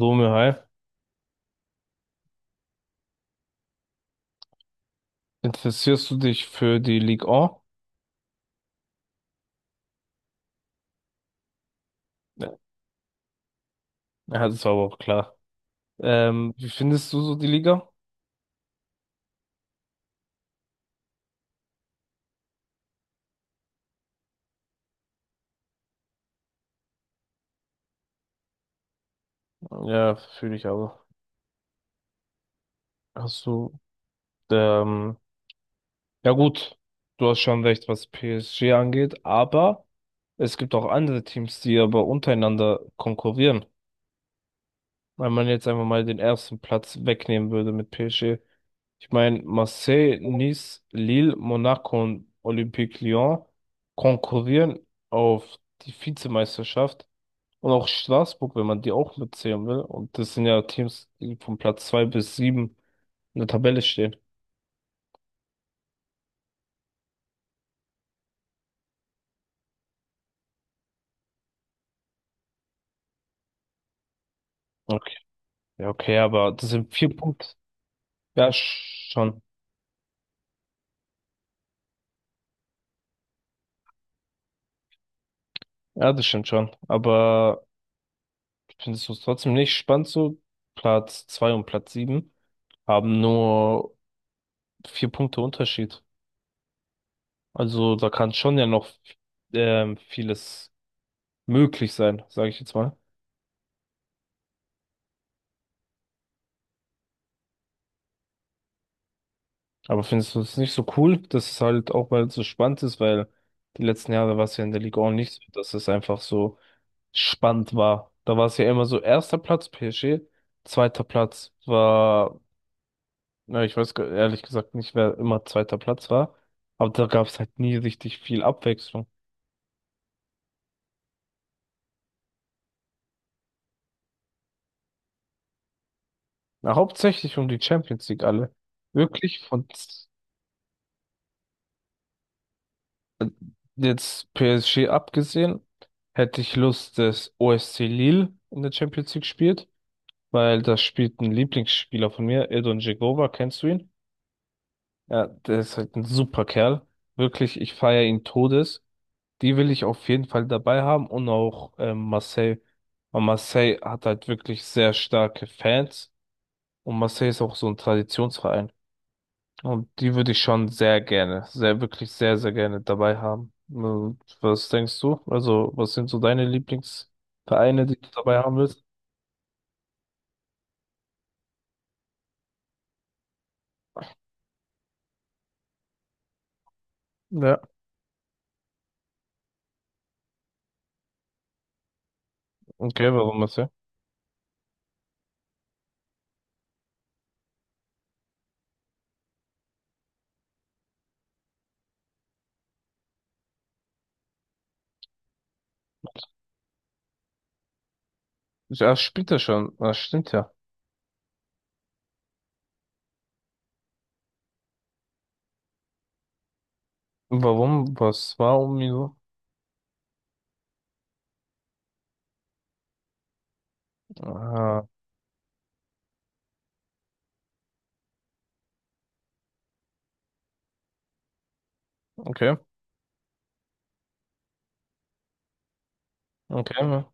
Romeo, hi. Interessierst du dich für die Ligue 1? Ja, ja, das war aber auch klar. Wie findest du so die Liga? Ja, fühle ich aber. Hast du, ähm, ja gut, du hast schon recht, was PSG angeht, aber es gibt auch andere Teams, die aber untereinander konkurrieren. Wenn man jetzt einfach mal den ersten Platz wegnehmen würde mit PSG. Ich meine, Marseille, Nice, Lille, Monaco und Olympique Lyon konkurrieren auf die Vizemeisterschaft. Und auch Straßburg, wenn man die auch mitzählen will. Und das sind ja Teams, die von Platz zwei bis sieben in der Tabelle stehen. Okay, ja, okay, aber das sind vier Punkte. Ja, schon. Ja, das stimmt schon. Aber findest du es trotzdem nicht spannend so? Platz zwei und Platz sieben haben nur vier Punkte Unterschied. Also da kann schon ja noch vieles möglich sein, sage ich jetzt mal. Aber findest du es nicht so cool, dass es halt auch mal so spannend ist, weil die letzten Jahre war es ja in der Liga auch nicht so, dass es einfach so spannend war. Da war es ja immer so erster Platz PSG, zweiter Platz war, na, ich weiß ehrlich gesagt nicht, wer immer zweiter Platz war, aber da gab es halt nie richtig viel Abwechslung. Na, hauptsächlich um die Champions League alle. Wirklich von z- äh, Jetzt PSG abgesehen, hätte ich Lust, dass OSC Lille in der Champions League spielt, weil da spielt ein Lieblingsspieler von mir, Edon Dzeko, kennst du ihn? Ja, der ist halt ein super Kerl. Wirklich, ich feiere ihn Todes. Die will ich auf jeden Fall dabei haben und auch Marseille. Und Marseille hat halt wirklich sehr starke Fans und Marseille ist auch so ein Traditionsverein. Und die würde ich schon sehr gerne, sehr, wirklich sehr, sehr gerne dabei haben. Und was denkst du? Also, was sind so deine Lieblingsvereine, die du dabei haben willst? Ja. Okay, warum Marseille? Ja, spielt er schon. Das stimmt ja. Warum? Was? Warum? Wieso? Ah, okay. Okay, ja.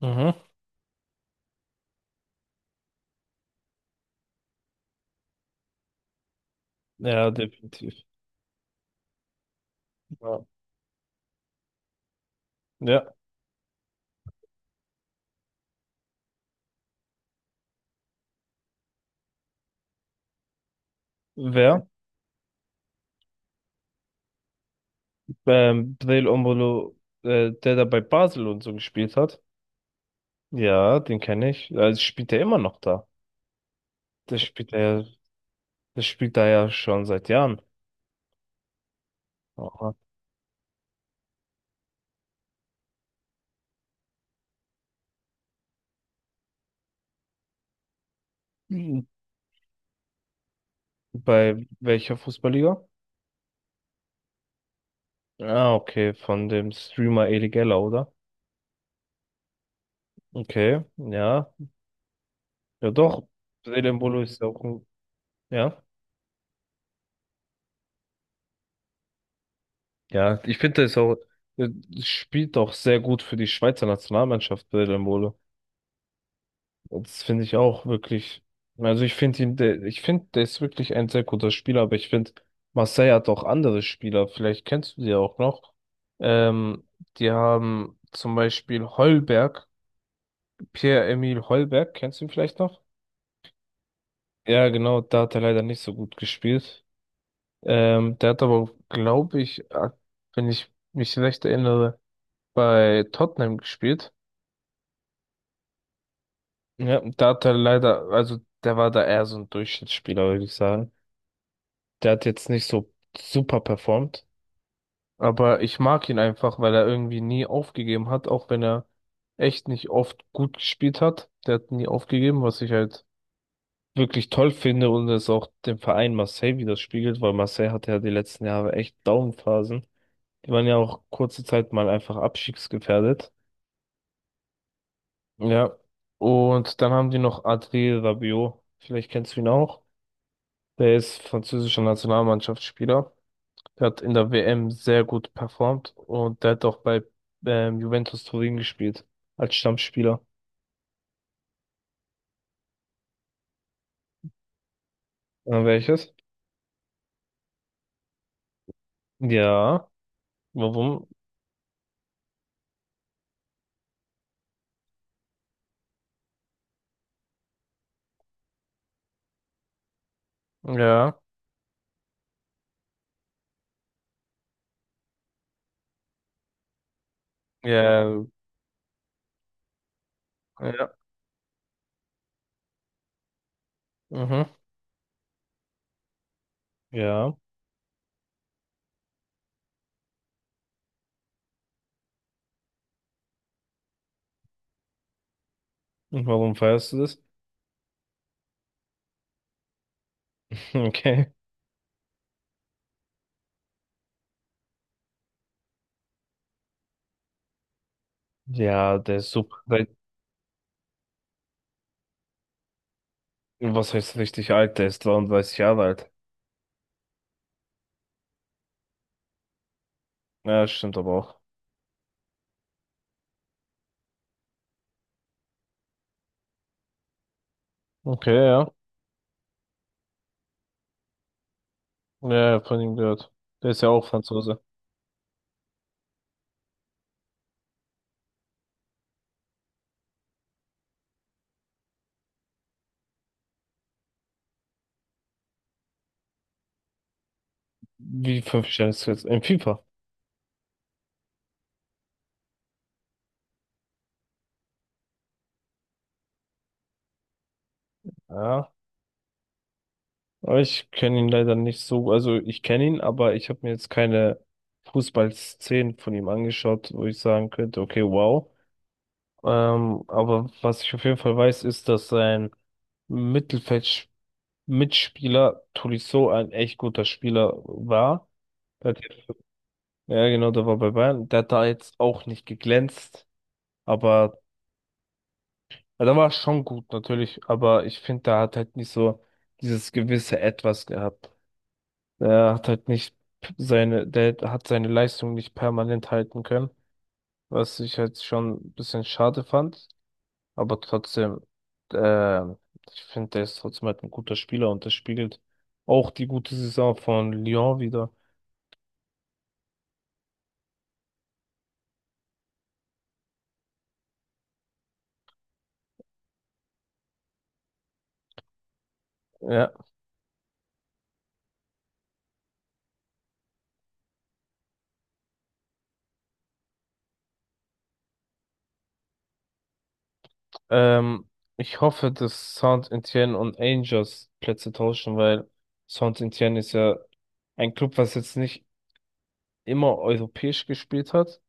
Mhm. Ja, definitiv. Ja. Ja. Wer? Breel Ombolo, der da bei Basel und so gespielt hat. Ja, den kenne ich. Also spielt er immer noch da. Der spielt er, der spielt da ja schon seit Jahren. Aha. Mhm. Bei welcher Fußballliga? Ah, okay, von dem Streamer Elie oder? Okay, ja. Ja doch. Breel Ombolo ist ja auch ein, ja. Ja, ich finde es auch, äh, spielt auch sehr gut für die Schweizer Nationalmannschaft, Mbolo. Das finde ich auch wirklich. Also ich finde ihn, ich finde, der ist wirklich ein sehr guter Spieler, aber ich finde, Marseille hat auch andere Spieler, vielleicht kennst du die auch noch. Ähm, Die haben zum Beispiel Holberg, Pierre-Emile Holberg, kennst du ihn vielleicht noch? Ja, genau, da hat er leider nicht so gut gespielt. Der hat aber, glaube ich, wenn ich mich recht erinnere, bei Tottenham gespielt. Ja, und da hat er leider, also der war da eher so ein Durchschnittsspieler, würde ich sagen. Der hat jetzt nicht so super performt, aber ich mag ihn einfach, weil er irgendwie nie aufgegeben hat, auch wenn er echt nicht oft gut gespielt hat. Der hat nie aufgegeben, was ich halt wirklich toll finde und es auch dem Verein Marseille widerspiegelt, weil Marseille hatte ja die letzten Jahre echt Downphasen. Die waren ja auch kurze Zeit mal einfach abstiegsgefährdet. Ja, und dann haben die noch Adrien Rabiot, vielleicht kennst du ihn auch. Der ist französischer Nationalmannschaftsspieler. Der hat in der WM sehr gut performt und der hat auch bei Juventus Turin gespielt als Stammspieler. Welches? Ja. Warum? Ja. Ja. Ja. Mhm. Ja. Und warum feierst du das? Okay. Ja, der ist super. Der, was heißt richtig alt? Der ist 33 Jahre alt. Ja, stimmt aber auch. Okay, ja. Ja, ja, von ihm gehört. Der ist ja auch Franzose. Wie fünf Sterne ist jetzt in FIFA. Ja. Aber ich kenne ihn leider nicht so. Also ich kenne ihn, aber ich habe mir jetzt keine Fußballszenen von ihm angeschaut, wo ich sagen könnte, okay, wow. Aber was ich auf jeden Fall weiß, ist, dass sein Mittelfeld-Mitspieler Tolisso ein echt guter Spieler war. Der hat- Ja, genau, der war bei Bayern. Der hat da jetzt auch nicht geglänzt, aber ja, der war schon gut natürlich. Aber ich finde, der hat halt nicht so dieses gewisse Etwas gehabt. Er hat halt nicht seine, der hat seine Leistung nicht permanent halten können, was ich halt schon ein bisschen schade fand. Aber trotzdem, äh, ich finde, der ist trotzdem halt ein guter Spieler und das spiegelt auch die gute Saison von Lyon wieder. Ja, ähm, ich hoffe, dass Saint-Étienne und Angers Plätze tauschen, weil Saint-Étienne ist ja ein Club, was jetzt nicht immer europäisch gespielt hat,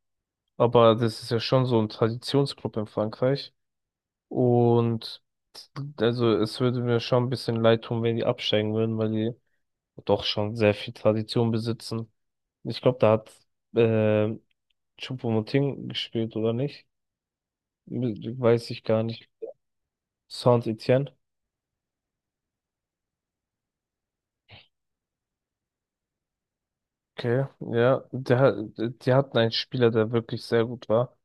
aber das ist ja schon so ein Traditionsclub in Frankreich. Und also es würde mir schon ein bisschen leid tun, wenn die absteigen würden, weil die doch schon sehr viel Tradition besitzen. Ich glaube, da hat äh, Choupo-Moting gespielt, oder nicht? Weiß ich gar nicht. Saint-Étienne. Okay, ja. Die hatten einen Spieler, der wirklich sehr gut war.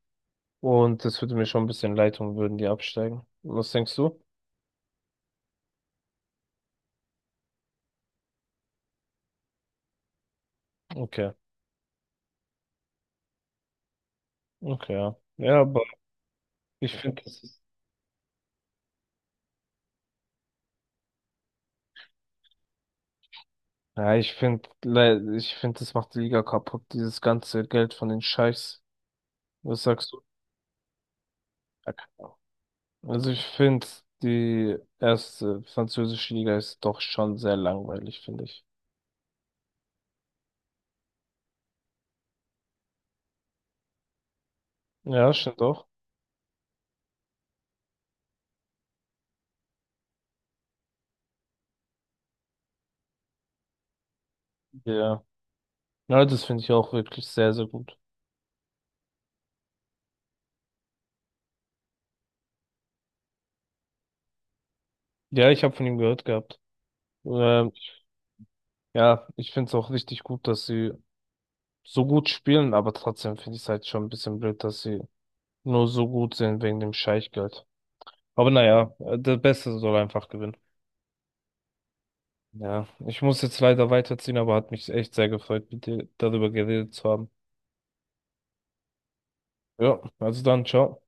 Und das würde mir schon ein bisschen leid tun, würden die absteigen. Was denkst du? Okay, okay, ja. Ja, aber ich finde, das ist. Ja, ich finde, das macht die Liga kaputt, dieses ganze Geld von den Scheichs. Was sagst du? Ja, keine Ahnung. Also ich finde, die erste französische Liga ist doch schon sehr langweilig, finde ich. Ja, stimmt doch. Ja. Ja, das finde ich auch wirklich sehr, sehr gut. Ja, ich habe von ihm gehört gehabt. Ähm, ja, ich finde es auch richtig gut, dass sie so gut spielen, aber trotzdem finde ich es halt schon ein bisschen blöd, dass sie nur so gut sind wegen dem Scheichgeld. Aber naja, der Beste soll einfach gewinnen. Ja, ich muss jetzt leider weiterziehen, aber hat mich echt sehr gefreut, mit dir darüber geredet zu haben. Ja, also dann, ciao.